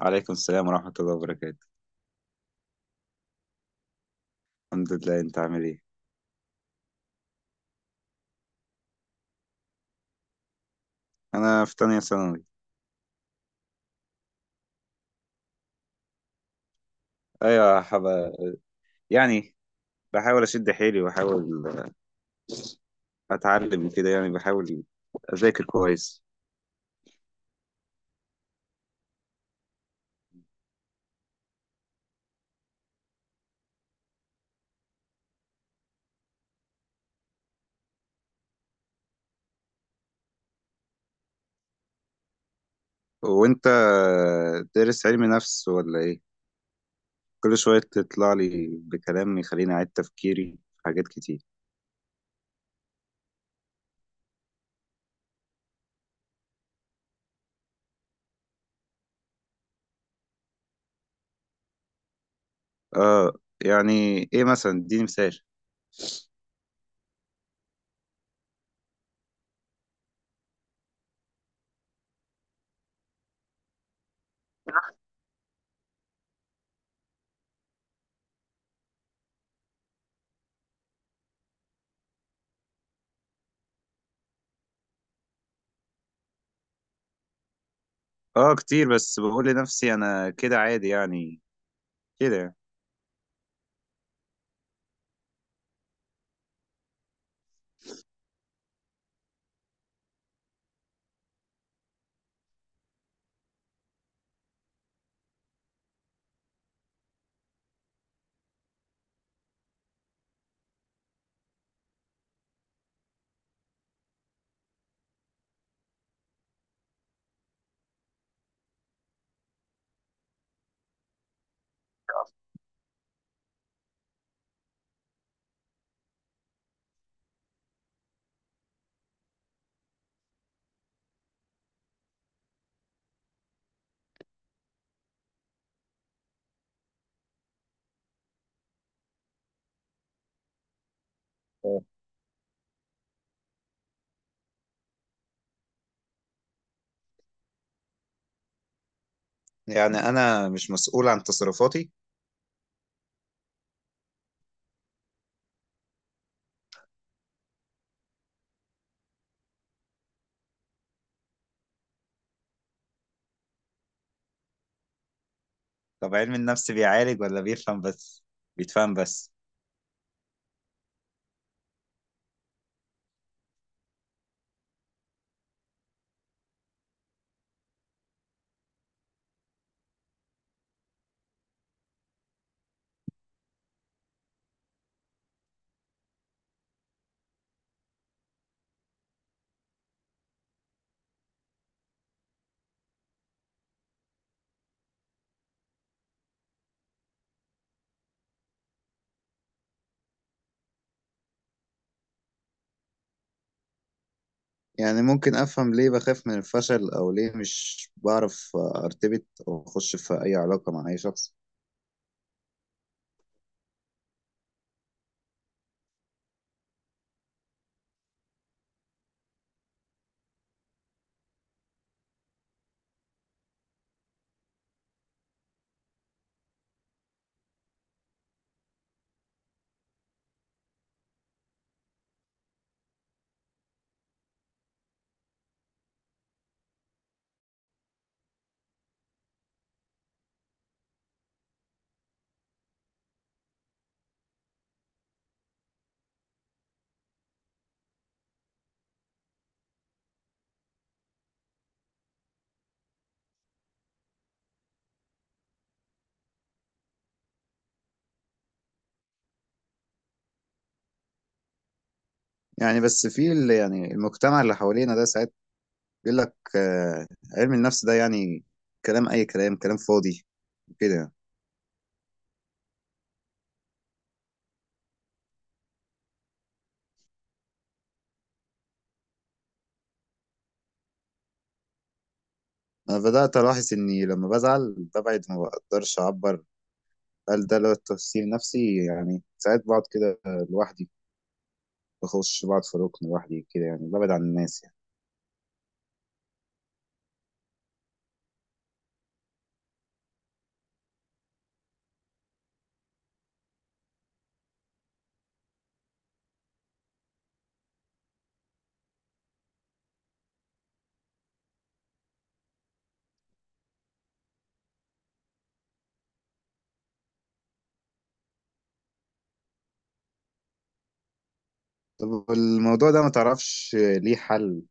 وعليكم السلام ورحمة الله وبركاته. الحمد لله، انت عامل ايه؟ انا في تانية ثانوي. ايوه، يعني بحاول اشد حيلي، وبحاول اتعلم كده، يعني بحاول اذاكر كويس. وانت دارس علم نفس ولا ايه؟ كل شوية تطلع لي بكلام يخليني اعيد تفكيري في حاجات كتير. اه، يعني ايه مثلا؟ اديني مثال. اه، كتير، بس بقول لنفسي انا كده عادي يعني، كده. آه. يعني انا مش مسؤول عن تصرفاتي؟ طب علم النفس بيعالج ولا بيفهم بس؟ بيتفهم بس؟ يعني ممكن أفهم ليه بخاف من الفشل، أو ليه مش بعرف أرتبط أو أخش في أي علاقة مع أي شخص؟ يعني بس في يعني المجتمع اللي حوالينا ده ساعات بيقول لك، علم النفس ده يعني كلام، أي كلام، كلام فاضي، وكده يعني. أنا بدأت ألاحظ إني لما بزعل ببعد، ما بقدرش أعبر. هل ده لو تفسير نفسي يعني؟ ساعات بقعد كده لوحدي، بخش بقعد في ركن لوحدي كده، يعني ببعد عن الناس يعني. طب الموضوع ده ما تعرفش ليه حل؟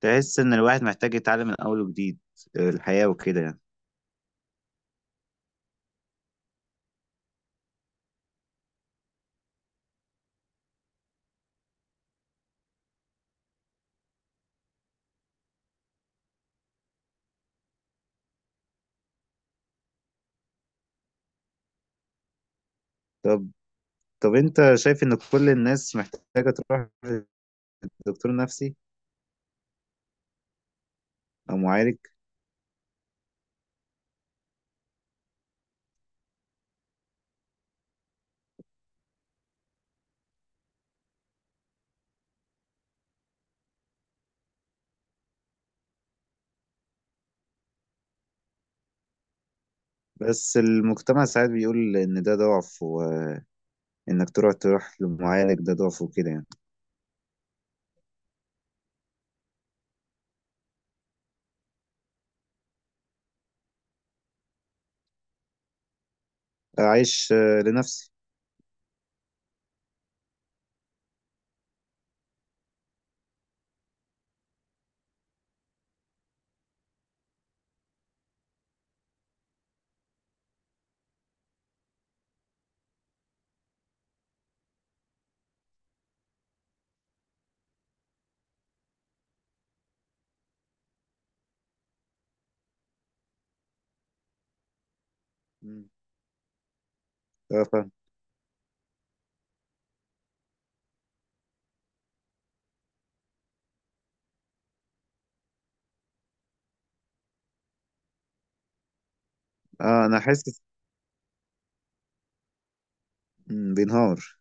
تحس ان الواحد محتاج يتعلم من اول وجديد الحياة وكده يعني؟ طب طب انت شايف ان كل الناس محتاجة تروح لدكتور نفسي او معالج؟ بس المجتمع ساعات بيقول ان ده ضعف، وانك تروح لمعالج ده ضعف وكده يعني. اعيش لنفسي. مم. اه، فاهم. اه، انا حاسس، بينهار.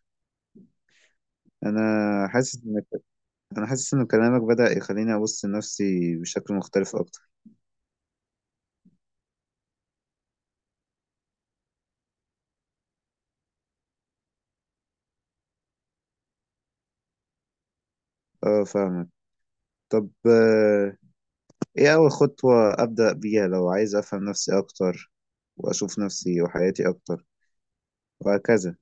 انا حاسس ان انا حاسس ان كلامك بدأ يخليني ابص لنفسي بشكل مختلف اكتر. اه، فاهم. طب، ايه اول خطوة ابدأ بيها لو عايز افهم نفسي اكتر، واشوف نفسي وحياتي اكتر، وهكذا؟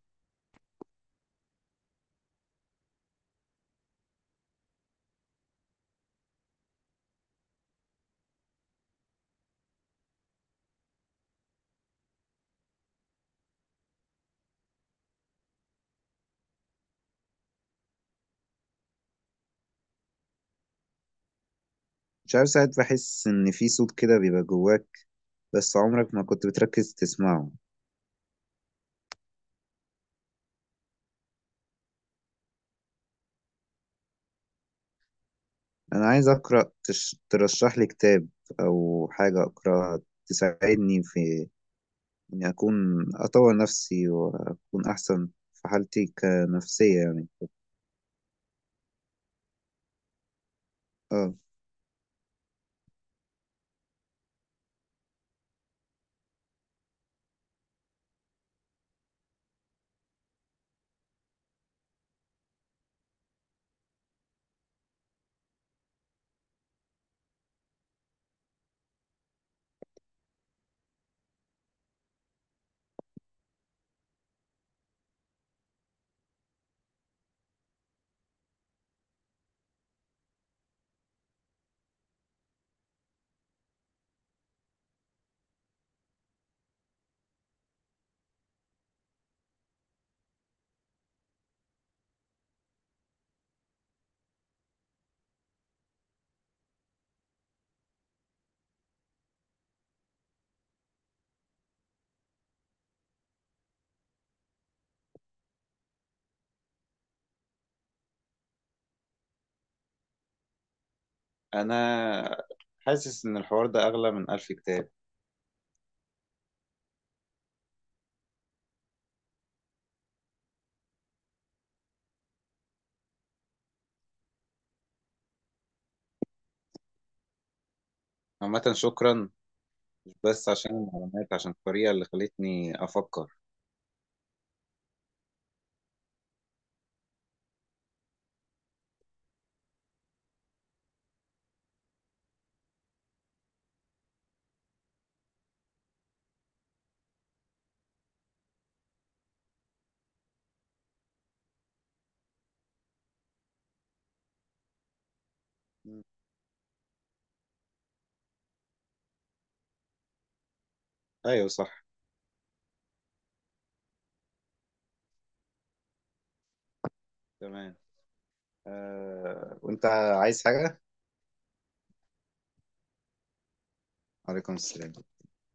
مش عارف، ساعات بحس ان في صوت كده بيبقى جواك، بس عمرك ما كنت بتركز تسمعه. انا عايز اقرأ، ترشح لي كتاب او حاجة اقرأها تساعدني في اني اكون اطور نفسي واكون احسن في حالتي كنفسية يعني. اه، انا حاسس ان الحوار ده اغلى من 1000 كتاب. عامه شكرا، مش بس عشان المعلومات، عشان الطريقة اللي خلتني أفكر. مم. أيوة صح. تمام. وأنت عايز حاجة؟ عليكم السلام.